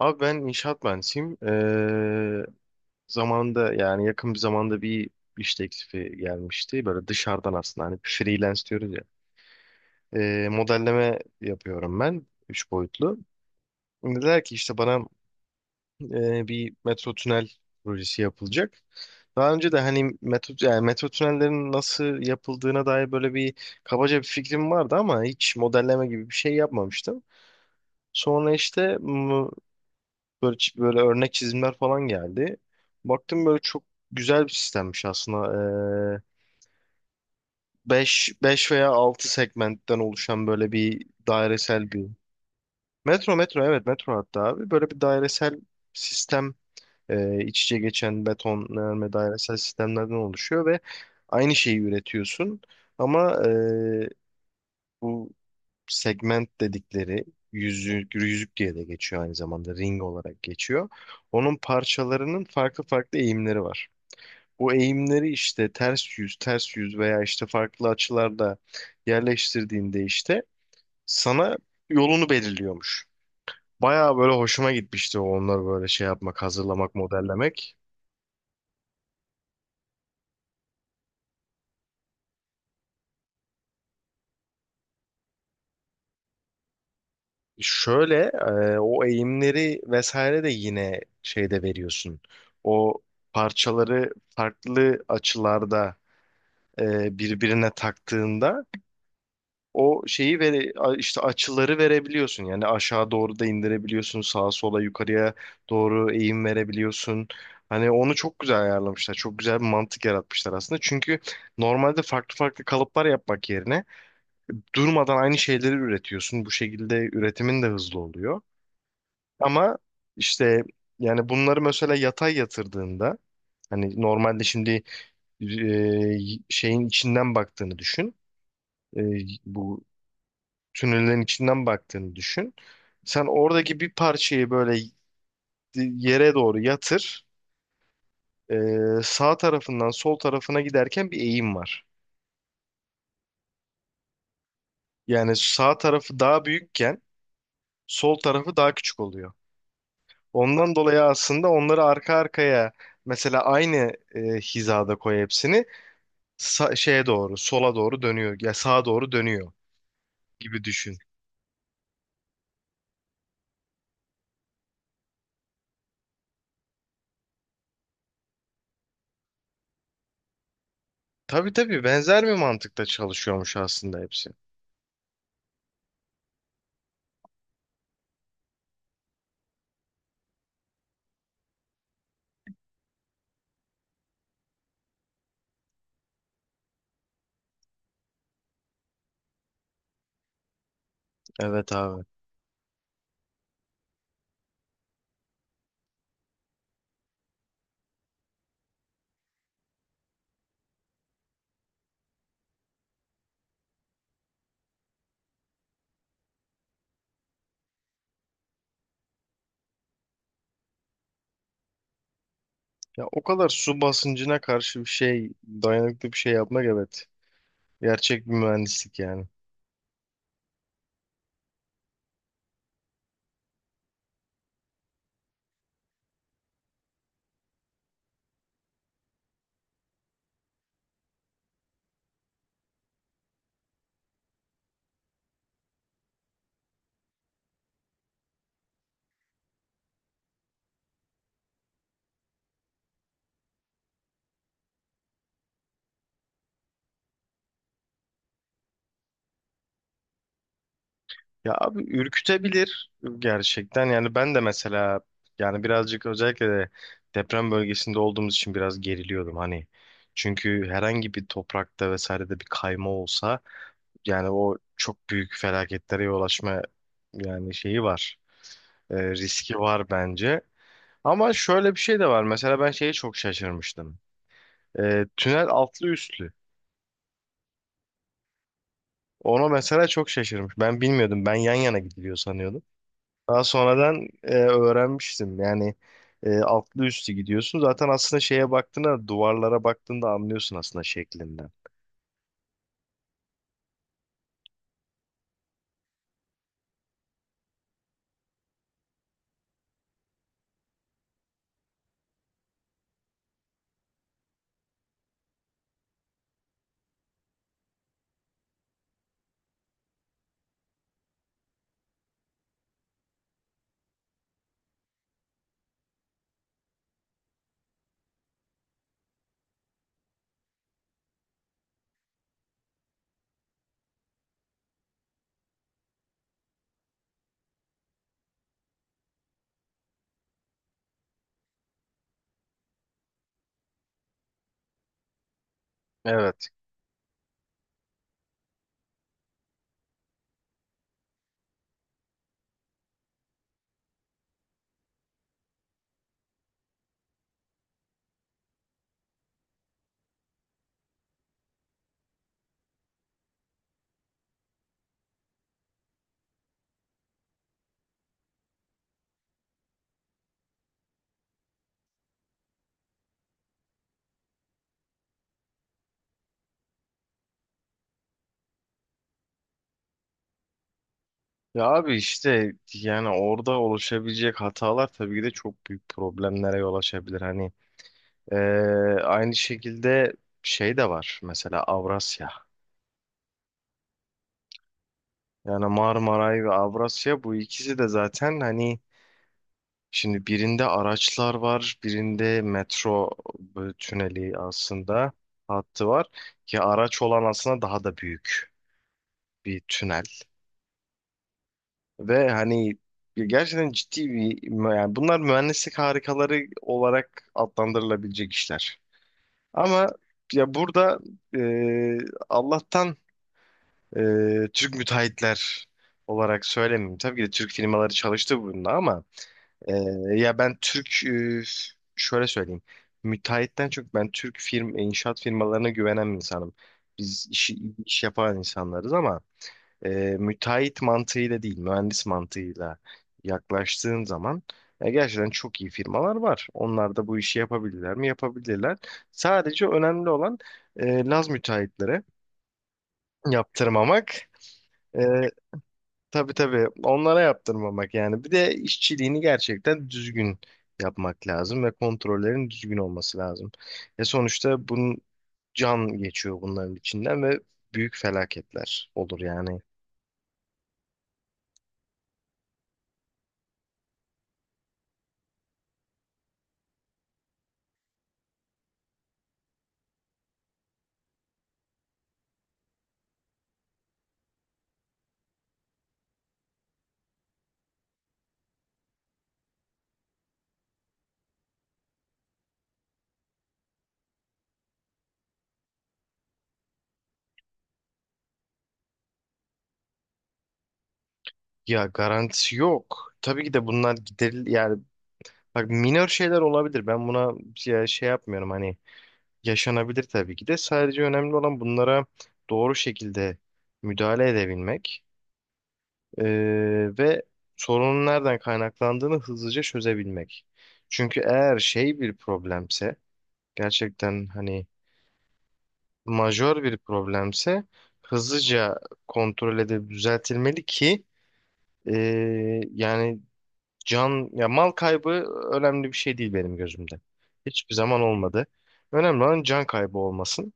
Abi ben inşaat mühendisiyim. Zamanında yani yakın bir zamanda bir iş teklifi gelmişti. Böyle dışarıdan aslında hani freelance diyoruz ya. Modelleme yapıyorum ben. Üç boyutlu. Dediler ki işte bana bir metro tünel projesi yapılacak. Daha önce de hani metro, yani metro tünellerin nasıl yapıldığına dair böyle bir kabaca bir fikrim vardı ama hiç modelleme gibi bir şey yapmamıştım. Sonra işte böyle, böyle örnek çizimler falan geldi. Baktım böyle çok güzel bir sistemmiş aslında. Ee, beş veya 6 segmentten oluşan böyle bir dairesel bir metro evet, metro hatta abi böyle bir dairesel sistem, iç içe geçen beton ve dairesel sistemlerden oluşuyor ve aynı şeyi üretiyorsun ama bu segment dedikleri yüzük, yüzük diye de geçiyor, aynı zamanda ring olarak geçiyor. Onun parçalarının farklı farklı eğimleri var. Bu eğimleri işte ters yüz, ters yüz veya işte farklı açılarda yerleştirdiğinde işte sana yolunu belirliyormuş. Bayağı böyle hoşuma gitmişti onları böyle şey yapmak, hazırlamak, modellemek. Şöyle o eğimleri vesaire de yine şeyde veriyorsun. O parçaları farklı açılarda birbirine taktığında o şeyi işte açıları verebiliyorsun. Yani aşağı doğru da indirebiliyorsun, sağa sola yukarıya doğru eğim verebiliyorsun. Hani onu çok güzel ayarlamışlar. Çok güzel bir mantık yaratmışlar aslında. Çünkü normalde farklı farklı kalıplar yapmak yerine durmadan aynı şeyleri üretiyorsun. Bu şekilde üretimin de hızlı oluyor. Ama işte yani bunları mesela yatay yatırdığında hani normalde şimdi e, şeyin içinden baktığını düşün. e, bu tünellerin içinden baktığını düşün. Sen oradaki bir parçayı böyle yere doğru yatır. E, sağ tarafından sol tarafına giderken bir eğim var. Yani sağ tarafı daha büyükken sol tarafı daha küçük oluyor. Ondan dolayı aslında onları arka arkaya mesela aynı hizada koy, hepsini şeye doğru, sola doğru dönüyor ya sağa doğru dönüyor gibi düşün. Tabii tabii, benzer bir mantıkta çalışıyormuş aslında hepsi. Evet abi. Ya o kadar su basıncına karşı bir şey, dayanıklı bir şey yapmak, evet. Gerçek bir mühendislik yani. Ya abi, ürkütebilir gerçekten. Yani ben de mesela yani birazcık, özellikle de deprem bölgesinde olduğumuz için biraz geriliyordum hani. Çünkü herhangi bir toprakta vesairede bir kayma olsa yani o çok büyük felaketlere yol açma yani şeyi var. Riski var bence. Ama şöyle bir şey de var. Mesela ben şeye çok şaşırmıştım. Tünel altlı üstlü. Ona mesela çok şaşırmış. Ben bilmiyordum. Ben yan yana gidiliyor sanıyordum. Daha sonradan öğrenmiştim. Yani altlı üstü gidiyorsun. Zaten aslında şeye baktığında, duvarlara baktığında anlıyorsun aslında şeklinden. Evet. Ya abi, işte yani orada oluşabilecek hatalar tabii ki de çok büyük problemlere yol açabilir. Hani e, aynı şekilde şey de var, mesela Avrasya. Yani Marmaray ve Avrasya, bu ikisi de zaten hani, şimdi birinde araçlar var, birinde metro tüneli aslında, hattı var ki araç olan aslında daha da büyük bir tünel ve hani gerçekten ciddi yani bunlar mühendislik harikaları olarak adlandırılabilecek işler. Ama ya burada e, Allah'tan Türk müteahhitler olarak söylemeyeyim. Tabii ki de Türk firmaları çalıştı bununla ama e, ya ben Türk şöyle söyleyeyim. Müteahhitten çok ben Türk inşaat firmalarına güvenen bir insanım. Biz işi, iş yapan insanlarız ama e, müteahhit mantığıyla değil, mühendis mantığıyla yaklaştığın zaman gerçekten çok iyi firmalar var. Onlar da bu işi yapabilirler mi? Yapabilirler. Sadece önemli olan Laz müteahhitlere yaptırmamak. Tabii tabii, onlara yaptırmamak yani. Bir de işçiliğini gerçekten düzgün yapmak lazım ve kontrollerin düzgün olması lazım. Sonuçta bunun can geçiyor bunların içinden ve büyük felaketler olur yani. Ya garantisi yok. Tabii ki de bunlar yani bak, minor şeyler olabilir. Ben buna ya şey yapmıyorum hani, yaşanabilir tabii ki de. Sadece önemli olan bunlara doğru şekilde müdahale edebilmek ve sorunun nereden kaynaklandığını hızlıca çözebilmek. Çünkü eğer şey bir problemse, gerçekten hani majör bir problemse, hızlıca kontrol edip düzeltilmeli ki yani can ya mal kaybı önemli bir şey değil benim gözümde. Hiçbir zaman olmadı. Önemli olan can kaybı olmasın.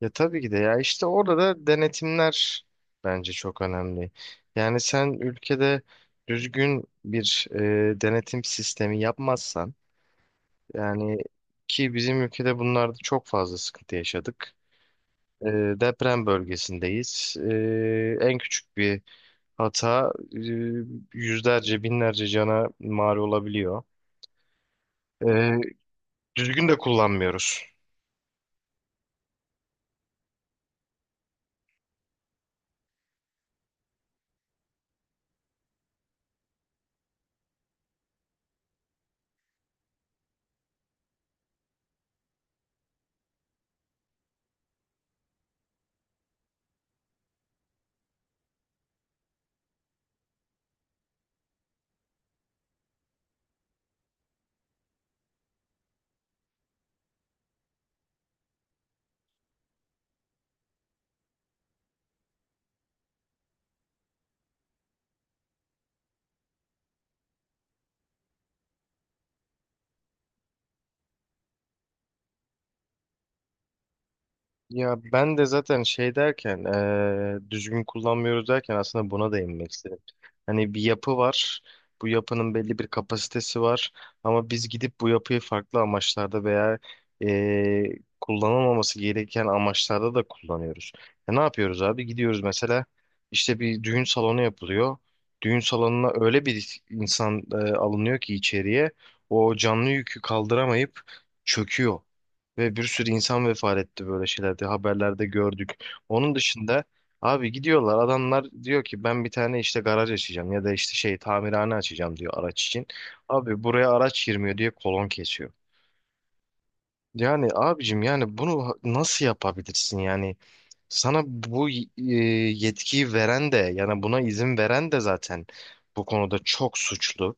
Ya tabii ki de, ya işte orada da denetimler bence çok önemli. Yani sen ülkede düzgün bir denetim sistemi yapmazsan yani, ki bizim ülkede bunlarda çok fazla sıkıntı yaşadık. E, deprem bölgesindeyiz. En küçük bir hata yüzlerce binlerce cana mal olabiliyor. E, düzgün de kullanmıyoruz. Ya ben de zaten şey derken, düzgün kullanmıyoruz derken aslında buna değinmek istedim. Hani bir yapı var. Bu yapının belli bir kapasitesi var. Ama biz gidip bu yapıyı farklı amaçlarda veya kullanılmaması gereken amaçlarda da kullanıyoruz. Ya ne yapıyoruz abi? Gidiyoruz mesela işte bir düğün salonu yapılıyor. Düğün salonuna öyle bir insan alınıyor ki içeriye, o canlı yükü kaldıramayıp çöküyor. Ve bir sürü insan vefat etti böyle şeylerde. Haberlerde gördük. Onun dışında abi, gidiyorlar adamlar, diyor ki ben bir tane işte garaj açacağım ya da işte şey, tamirhane açacağım diyor araç için. Abi buraya araç girmiyor diye kolon kesiyor. Yani abicim, yani bunu nasıl yapabilirsin yani, sana bu yetkiyi veren de yani buna izin veren de zaten bu konuda çok suçlu.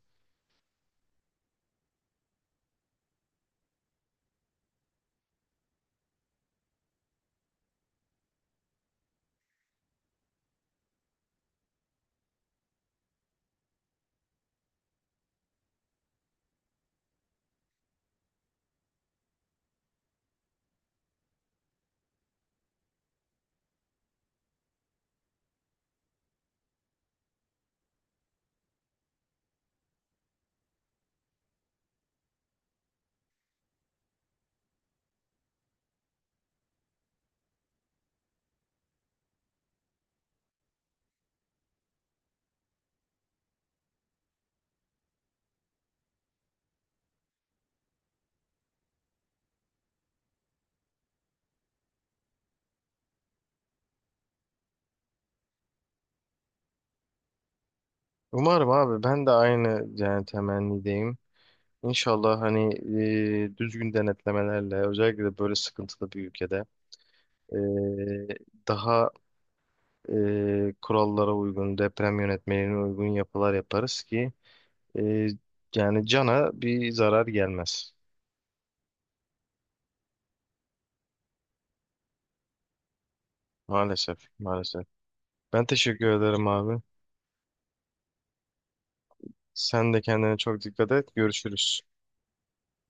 Umarım abi, ben de aynı yani temennideyim. İnşallah hani düzgün denetlemelerle, özellikle de böyle sıkıntılı bir ülkede, e, daha kurallara uygun, deprem yönetmeliğine uygun yapılar yaparız ki e, yani cana bir zarar gelmez. Maalesef, maalesef. Ben teşekkür ederim abi. Sen de kendine çok dikkat et. Görüşürüz.